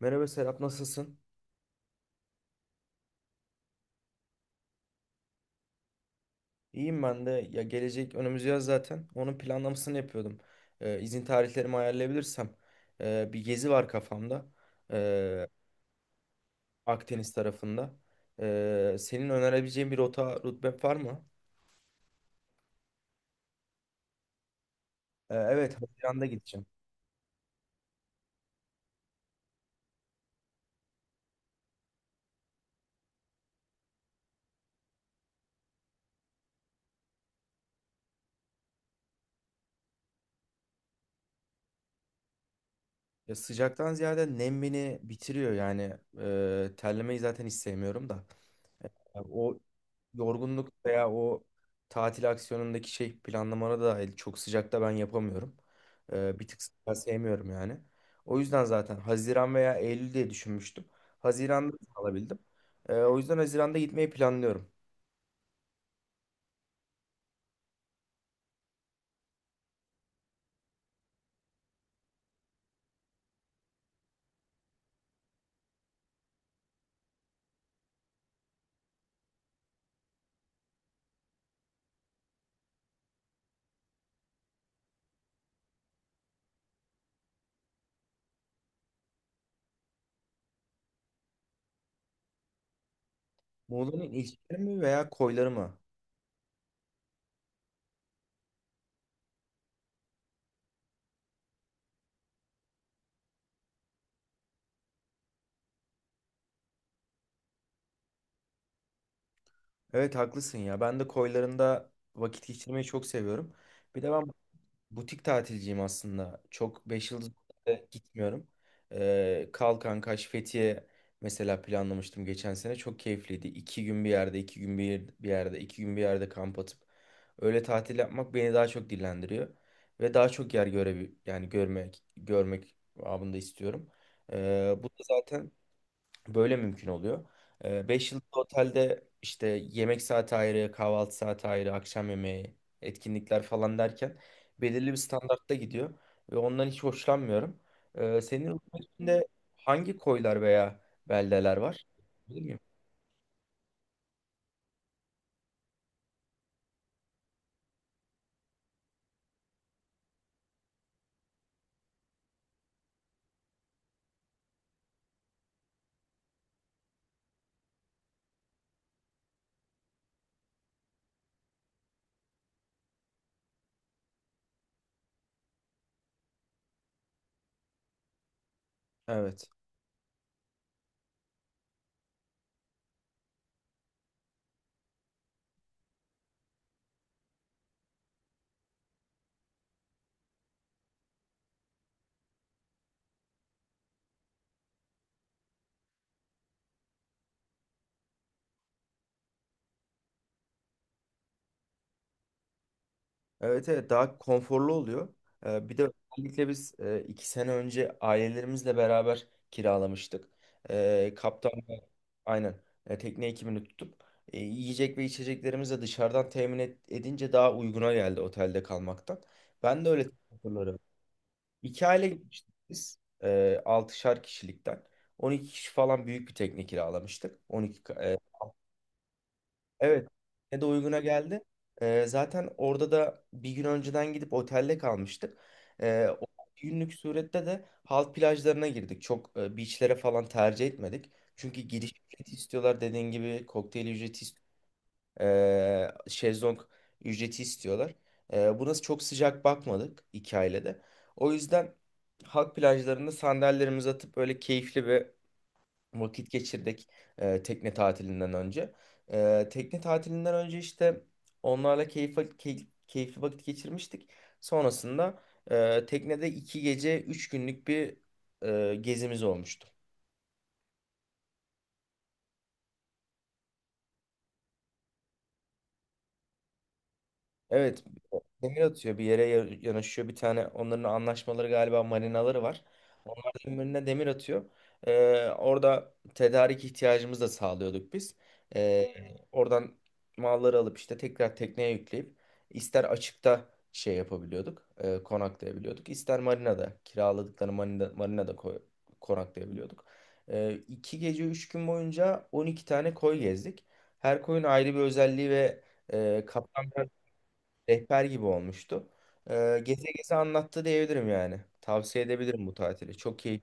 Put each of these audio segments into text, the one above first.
Merhaba Serap, nasılsın? İyiyim ben de. Ya gelecek önümüz yaz zaten. Onun planlamasını yapıyordum. İzin tarihlerimi ayarlayabilirsem. Bir gezi var kafamda. Ee, Akdeniz tarafında. Senin önerebileceğin bir rota, rutbet var mı? Evet, Haziran'da gideceğim. Ya sıcaktan ziyade nem beni bitiriyor yani. Terlemeyi zaten hiç sevmiyorum da. Ya o yorgunluk veya o tatil aksiyonundaki şey planlamana da dahil çok sıcakta ben yapamıyorum. Bir tık sıcağı sevmiyorum yani. O yüzden zaten Haziran veya Eylül diye düşünmüştüm. Haziran'da alabildim. O yüzden Haziran'da gitmeyi planlıyorum. Muğla'nın ilçeleri mi veya koyları mı? Evet, haklısın ya. Ben de koylarında vakit geçirmeyi çok seviyorum. Bir de ben butik tatilciyim aslında. Çok beş yıldız otelde gitmiyorum. Kalkan, Kaş, Fethiye mesela planlamıştım geçen sene. Çok keyifliydi. 2 gün bir yerde, 2 gün bir yerde, 2 gün bir yerde kamp atıp öyle tatil yapmak beni daha çok dillendiriyor. Ve daha çok yer yani görmek babında istiyorum. Bu da zaten böyle mümkün oluyor. Beş yıldızlı otelde işte yemek saati ayrı, kahvaltı saati ayrı, akşam yemeği, etkinlikler falan derken belirli bir standartta gidiyor ve ondan hiç hoşlanmıyorum. Senin ülkende hangi koylar veya beldeler var? Bilir miyim? Evet. Evet, evet, daha konforlu oluyor. Bir de özellikle biz iki sene önce ailelerimizle beraber kiralamıştık. Kaptan. Aynen. Tekne ekibini tutup yiyecek ve içeceklerimizi de dışarıdan edince daha uyguna geldi otelde kalmaktan. Ben de öyle hatırlarım. İki aile gitmiştik biz. E, altışar kişilikten, 12 kişi falan büyük bir tekne kiralamıştık. 12. Evet. Ne de uyguna geldi. Zaten orada da bir gün önceden gidip otelde kalmıştık. O bir günlük surette de halk plajlarına girdik. Çok beachlere falan tercih etmedik. Çünkü giriş ücreti istiyorlar, dediğin gibi kokteyl şezlong ücreti istiyorlar. Buna çok sıcak bakmadık iki ailede. O yüzden halk plajlarında sandalyelerimizi atıp böyle keyifli ve vakit geçirdik, tekne tatilinden önce. E, tekne tatilinden önce işte onlarla keyifli vakit geçirmiştik. Sonrasında teknede iki gece üç günlük bir gezimiz olmuştu. Evet, demir atıyor bir yere, yanaşıyor bir tane, onların anlaşmaları galiba marinaları var. Ömrüne demir atıyor. Orada tedarik ihtiyacımızı da sağlıyorduk biz. Ee, Oradan malları alıp işte tekrar tekneye yükleyip ister açıkta şey yapabiliyorduk, konaklayabiliyorduk. İster marinada, kiraladıkları marinada, konaklayabiliyorduk. İki gece üç gün boyunca 12 tane koy gezdik. Her koyun ayrı bir özelliği ve kaptan rehber gibi olmuştu. Geze geze anlattı diyebilirim yani. Tavsiye edebilirim bu tatili. Çok iyi.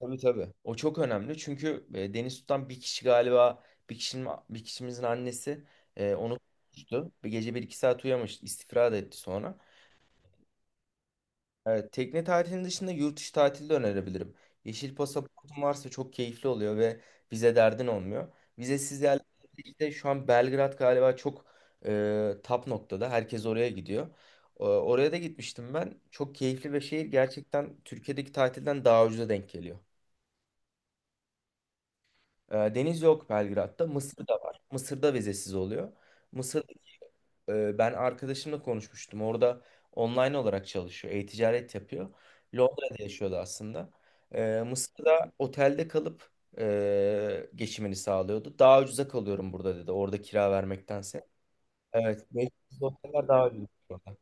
Tabii, tabii. O çok önemli. Çünkü deniz tutan bir kişi galiba, bir kişimizin annesi, onu tutmuştu. Bir gece bir iki saat uyumamış, istifra da etti sonra. Evet, tekne tatilinin dışında yurt dışı tatili de önerebilirim. Yeşil pasaportun varsa çok keyifli oluyor ve vize derdin olmuyor. Vizesiz yerlerde işte şu an Belgrad galiba çok tap noktada. Herkes oraya gidiyor. E, oraya da gitmiştim ben. Çok keyifli ve şehir gerçekten Türkiye'deki tatilden daha ucuza denk geliyor. E, deniz yok Belgrad'da. Mısır'da var. Mısır'da vizesiz oluyor. Mısır, ben arkadaşımla konuşmuştum. Orada online olarak çalışıyor. E-ticaret yapıyor. Londra'da yaşıyordu aslında. E, Mısır'da otelde kalıp geçimini sağlıyordu. Daha ucuza kalıyorum burada dedi, orada kira vermektense. Evet. 500, oteller daha ucuz burada.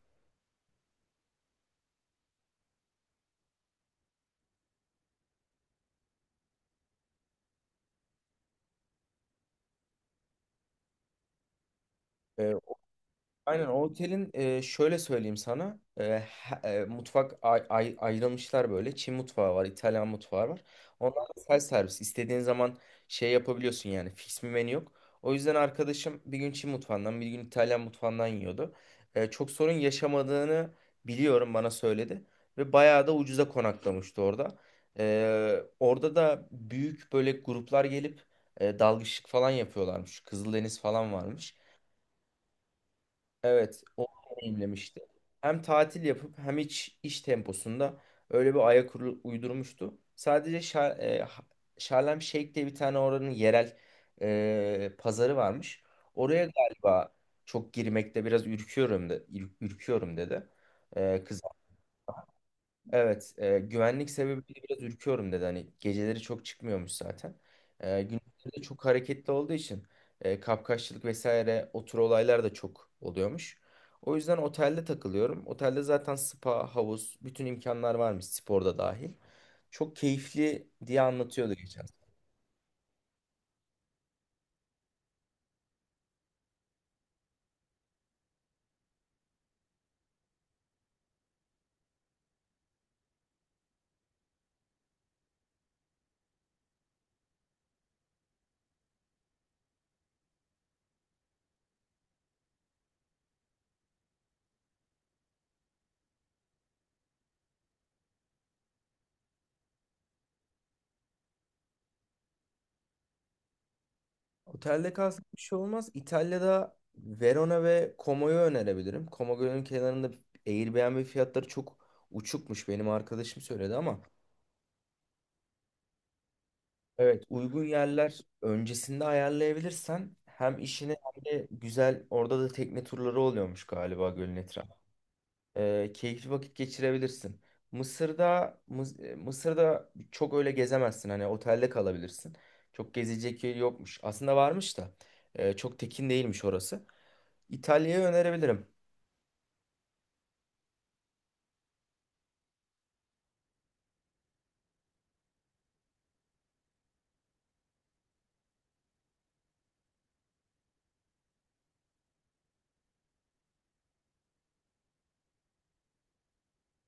Aynen, o otelin şöyle söyleyeyim sana, mutfak ayrılmışlar, böyle Çin mutfağı var, İtalyan mutfağı var, onlar da self servis, istediğin zaman şey yapabiliyorsun yani, fix bir menü yok. O yüzden arkadaşım bir gün Çin mutfağından bir gün İtalyan mutfağından yiyordu. E, çok sorun yaşamadığını biliyorum, bana söyledi ve bayağı da ucuza konaklamıştı orada. E, orada da büyük böyle gruplar gelip dalgıçlık falan yapıyorlarmış, Kızıldeniz falan varmış. Evet, onu deneyimlemişti. Hem tatil yapıp hem hiç iş temposunda öyle bir uydurmuştu. Sadece Şarlem Şeyh diye bir tane oranın yerel pazarı varmış. Oraya galiba çok girmekte biraz ürküyorum, ürküyorum dedi. E, kız Evet, güvenlik sebebiyle biraz ürküyorum dedi. Hani geceleri çok çıkmıyormuş zaten. E, gündüzleri de çok hareketli olduğu için kapkaççılık vesaire o tür olaylar da çok oluyormuş. O yüzden otelde takılıyorum. Otelde zaten spa, havuz, bütün imkanlar varmış, sporda dahil. Çok keyifli diye anlatıyordu geçen. Otelde kalsak bir şey olmaz. İtalya'da Verona ve Como'yu önerebilirim. Como Gölü'nün kenarında Airbnb fiyatları çok uçukmuş, benim arkadaşım söyledi ama evet, uygun yerler öncesinde ayarlayabilirsen hem işini hem de güzel, orada da tekne turları oluyormuş galiba, gölün etrafı. Keyifli vakit geçirebilirsin. Mısır'da çok öyle gezemezsin, hani otelde kalabilirsin. Çok gezecek yer yokmuş. Aslında varmış da çok tekin değilmiş orası. İtalya'yı önerebilirim.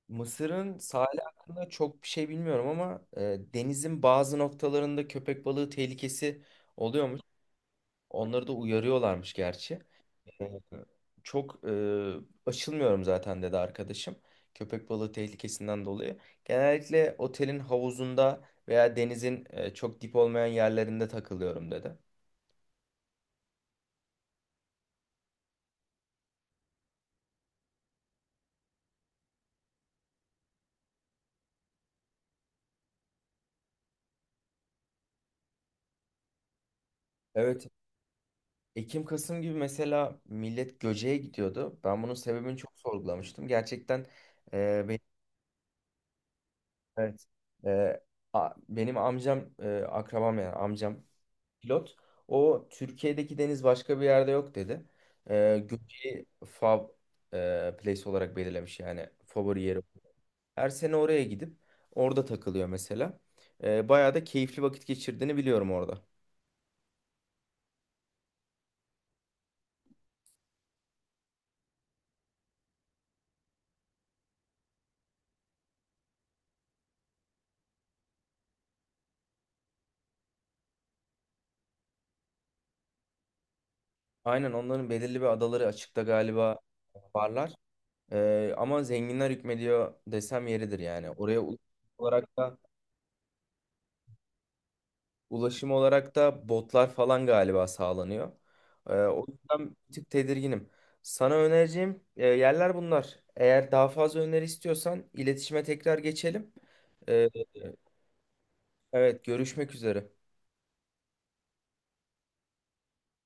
Mısır'ın sahili hakkında çok bir şey bilmiyorum ama denizin bazı noktalarında köpek balığı tehlikesi oluyormuş. Onları da uyarıyorlarmış gerçi. Çok açılmıyorum zaten dedi arkadaşım, köpek balığı tehlikesinden dolayı. Genellikle otelin havuzunda veya denizin çok dip olmayan yerlerinde takılıyorum dedi. Evet. Ekim Kasım gibi mesela millet Göce'ye gidiyordu. Ben bunun sebebini çok sorgulamıştım. Gerçekten e, benim, evet, e, benim amcam, akrabam yani, amcam pilot. O Türkiye'deki deniz başka bir yerde yok dedi. Göce'yi place olarak belirlemiş yani, favori yeri. Her sene oraya gidip orada takılıyor mesela. Bayağı da keyifli vakit geçirdiğini biliyorum orada. Aynen, onların belirli bir adaları açıkta galiba varlar. Ama zenginler hükmediyor desem yeridir yani. Oraya ulusal olarak da ulaşım olarak da botlar falan galiba sağlanıyor. O yüzden bir tık tedirginim. Sana önereceğim yerler bunlar. Eğer daha fazla öneri istiyorsan iletişime tekrar geçelim. Ee, evet, görüşmek üzere.